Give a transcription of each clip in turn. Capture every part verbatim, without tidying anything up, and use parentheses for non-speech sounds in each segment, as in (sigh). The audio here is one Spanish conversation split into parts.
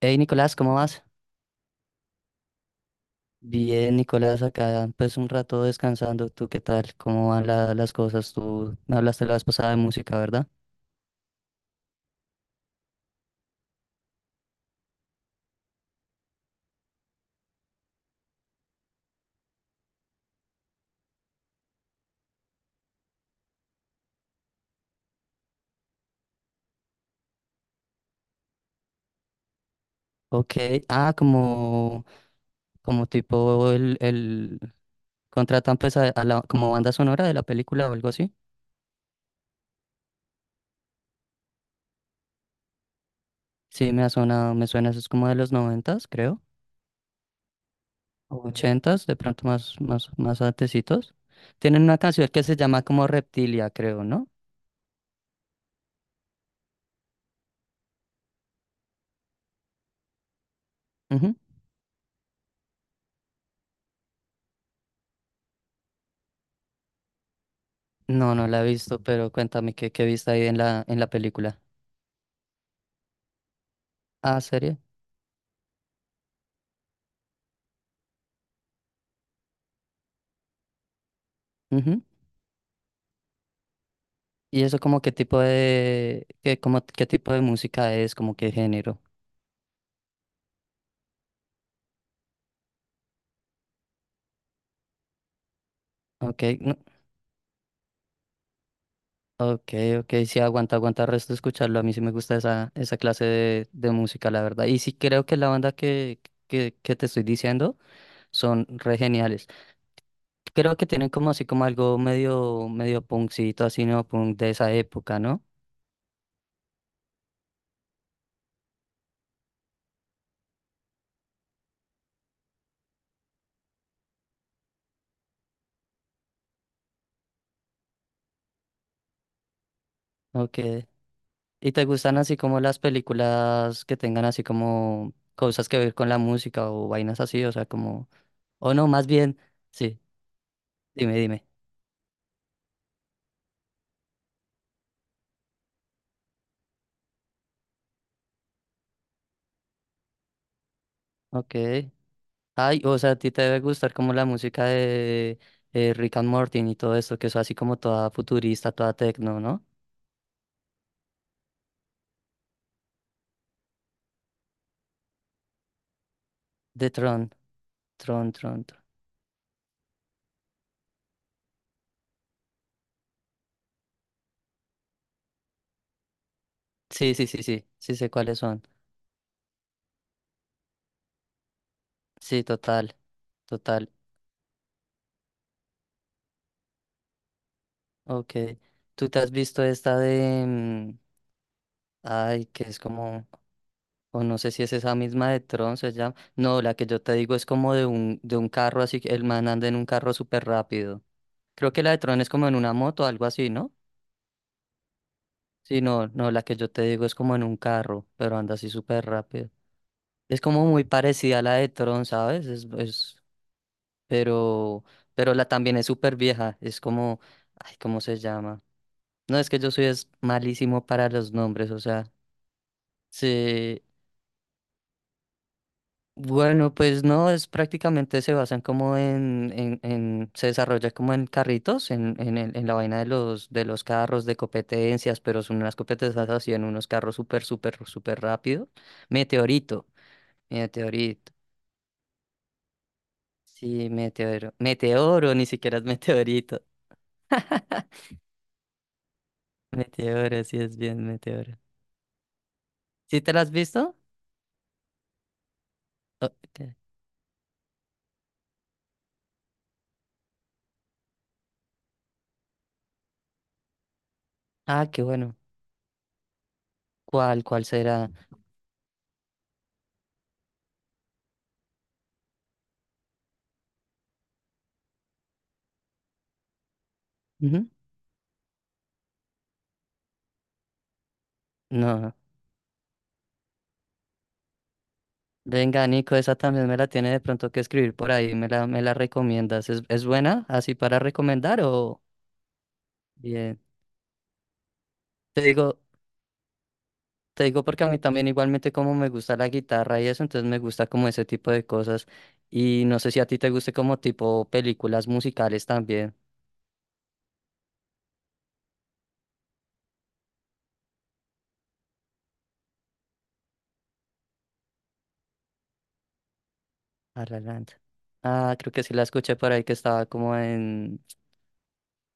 Hey Nicolás, ¿cómo vas? Bien, Nicolás, acá pues un rato descansando. ¿Tú qué tal? ¿Cómo van la- las cosas? Tú me hablaste la vez pasada de música, ¿verdad? Ok, ah, como, como tipo el, el contratan pues a, a la, como banda sonora de la película o algo así. Sí, me ha sonado, me suena, eso es como de los noventas, creo, o ochentas, de pronto más, más, más antecitos. Tienen una canción que se llama como Reptilia, creo, ¿no? Ujú. No, no la he visto, pero cuéntame qué, qué viste ahí en la, en la película. Ah, ¿serie? Ujú. ¿Y eso como qué tipo de qué, como, qué tipo de música es, como qué género? Ok, no, ok, ok, sí, aguanta, aguanta el resto de escucharlo. A mí sí me gusta esa, esa clase de, de música, la verdad. Y sí creo que la banda que, que, que te estoy diciendo son re geniales. Creo que tienen como así como algo medio, medio punkcito, así no punk de esa época, ¿no? Ok. ¿Y te gustan así como las películas que tengan así como cosas que ver con la música o vainas así? O sea, como... O no, más bien, sí, dime, dime. Ok. Ay, o sea, a ti te debe gustar como la música de eh, Rick and Morty y todo esto, que es así como toda futurista, toda techno, ¿no? De Tron, Tron, Tron, Tron. Sí, sí, sí, sí, sí sé cuáles son. Sí, total, total. Ok. ¿Tú te has visto esta de... mm, ay, que es como... O no sé si es esa misma de Tron, se llama. No, la que yo te digo es como de un, de un carro así, que el man anda en un carro súper rápido. Creo que la de Tron es como en una moto o algo así, ¿no? Sí, no, no, la que yo te digo es como en un carro, pero anda así súper rápido. Es como muy parecida a la de Tron, ¿sabes? Es, es, pero, pero la también es súper vieja. Es como, ay, ¿cómo se llama? No, es que yo soy es malísimo para los nombres, o sea, sí, bueno, pues no, es prácticamente se basan como en, en, en- se desarrolla como en carritos, en, en, el- en la vaina de los, de los carros, de competencias, pero son unas competencias así en unos carros súper, súper, súper rápido. Meteorito, meteorito, sí, meteoro, meteoro, ni siquiera es meteorito, (laughs) meteoro, sí es bien meteoro. ¿Sí te la has visto? Ok. Ah, qué bueno. ¿Cuál, cuál será? Ujú. No. Venga, Nico, esa también me la tiene de pronto que escribir por ahí, me la, me la recomiendas. ¿Es, es buena así para recomendar o bien? Te digo, te digo porque a mí también igualmente como me gusta la guitarra y eso, entonces me gusta como ese tipo de cosas. Y no sé si a ti te guste como tipo películas musicales también. Ah, La Land. Ah, creo que sí la escuché por ahí que estaba como en,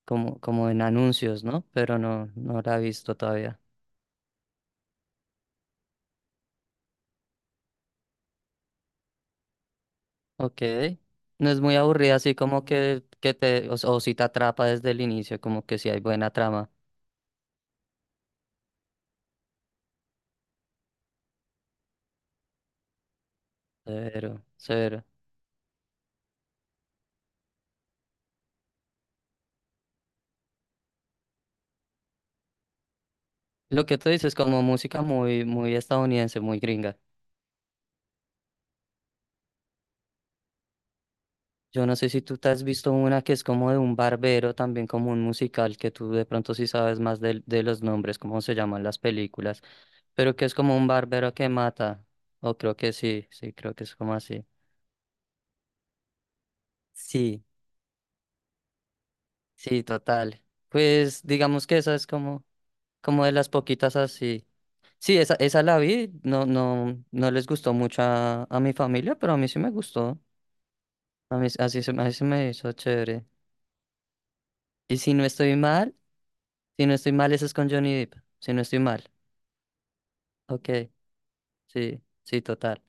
como, como en anuncios, ¿no? Pero no, no la he visto todavía. Ok. No es muy aburrida, así como que, que te, o, o si te atrapa desde el inicio, como que si hay buena trama. Cero, cero. Lo que tú dices, como música muy, muy estadounidense, muy gringa. Yo no sé si tú te has visto una que es como de un barbero, también como un musical, que tú de pronto sí sabes más de, de los nombres, cómo se llaman las películas, pero que es como un barbero que mata. O creo que sí, sí, creo que es como así. Sí, sí, total. Pues digamos que esa es como, como de las poquitas así. Sí, esa, esa la vi, no, no, no les gustó mucho a, a mi familia, pero a mí sí me gustó. A mí, así se, me- así se me hizo chévere. Y si no estoy mal, si no estoy mal, esa es con Johnny Depp. Si no estoy mal. Ok, sí, sí, total.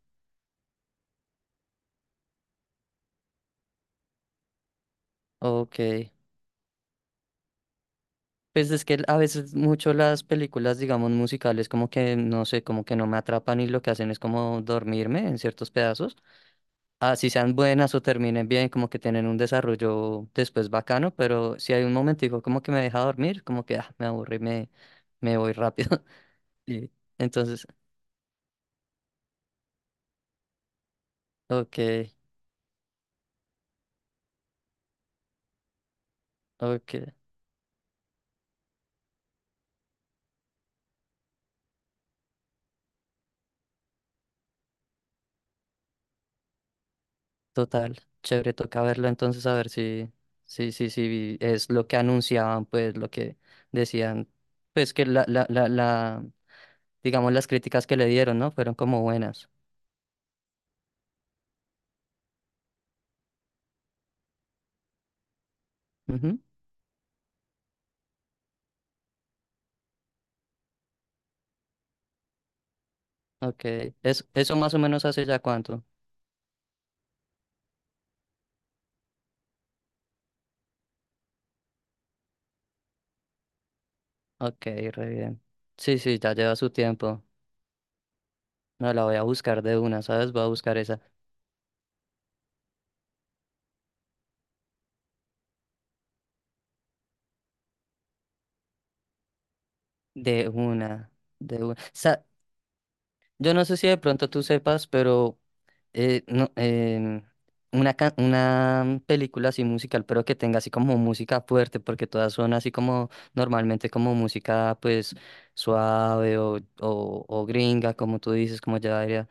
Ok. Pues es que a veces mucho las películas, digamos, musicales, como que no sé, como que no me atrapan y lo que hacen es como dormirme en ciertos pedazos. Así sean buenas o terminen bien, como que tienen un desarrollo después bacano, pero si hay un momentico como que me deja dormir, como que ah, me aburro y me, me voy rápido. (laughs) Y entonces, ok, ok, total, chévere, toca verlo entonces a ver si, si, si, si es lo que anunciaban, pues lo que decían, pues que la, la, la, la, digamos las críticas que le dieron, ¿no? Fueron como buenas. Ujú, ok, es, eso más o menos hace ya cuánto. Ok, re bien. Sí, sí, ya lleva su tiempo. No, la voy a buscar de una, ¿sabes? Voy a buscar esa. De una, de una. Sa- yo no sé si de pronto tú sepas, pero eh, no, em, una, ca- una película así musical, pero que tenga así como música fuerte, porque todas son así como normalmente como música pues suave o, o, o gringa, como tú dices, como ya diría.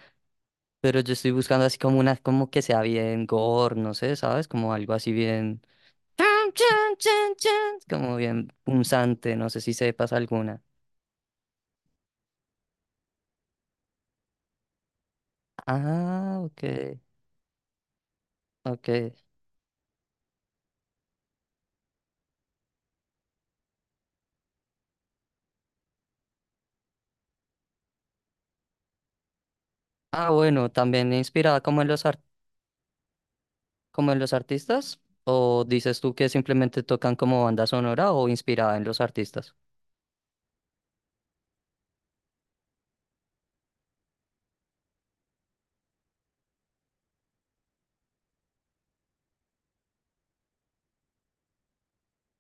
Pero yo estoy buscando así como una, como que sea bien gore, no sé, ¿sabes? Como algo así bien. Chan, chan, chan, chan. Como bien punzante, no sé si sepas alguna. Ah, ok, ok. Ah, bueno, también inspirada como en los ar- como en los artistas. ¿O dices tú que simplemente tocan como banda sonora o inspirada en los artistas?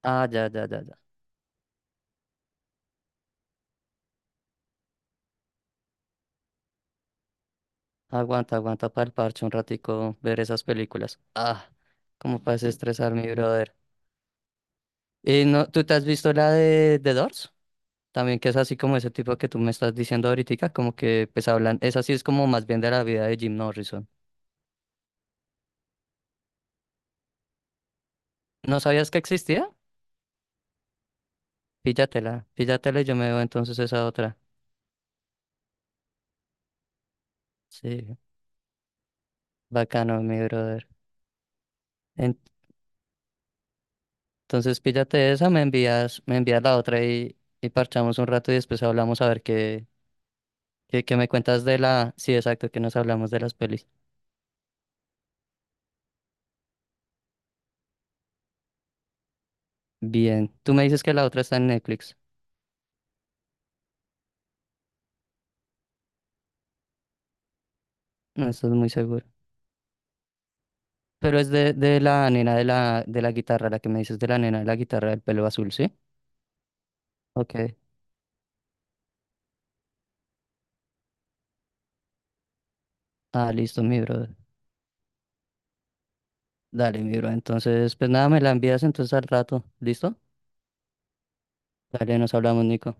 Ah, ya, ya, ya, ya. Aguanta, aguanta para el parche un ratico ver esas películas. Ah, como para (laughs) desestresar mi brother. ¿Y no, tú te has visto la de The Doors? También que es así como ese tipo que tú me estás diciendo ahorita, como que pues hablan, es así, es como más bien de la vida de Jim Morrison. ¿No sabías que existía? Píllatela, píllatela y yo me veo entonces esa otra. Sí, bacano, mi brother. En- Entonces píllate esa, me envías, me envías la otra y, y parchamos un rato y después hablamos a ver qué, qué, qué me cuentas de la... Sí, exacto, que nos hablamos de las pelis. Bien, tú me dices que la otra está en Netflix. No estoy muy seguro. Pero es de, de la nena de la, de la guitarra, la que me dices de la nena de la guitarra del pelo azul, ¿sí? Ok. Ah, listo, mi bro. Dale, mi bro. Entonces, pues nada, me la envías entonces al rato. ¿Listo? Dale, nos hablamos, Nico.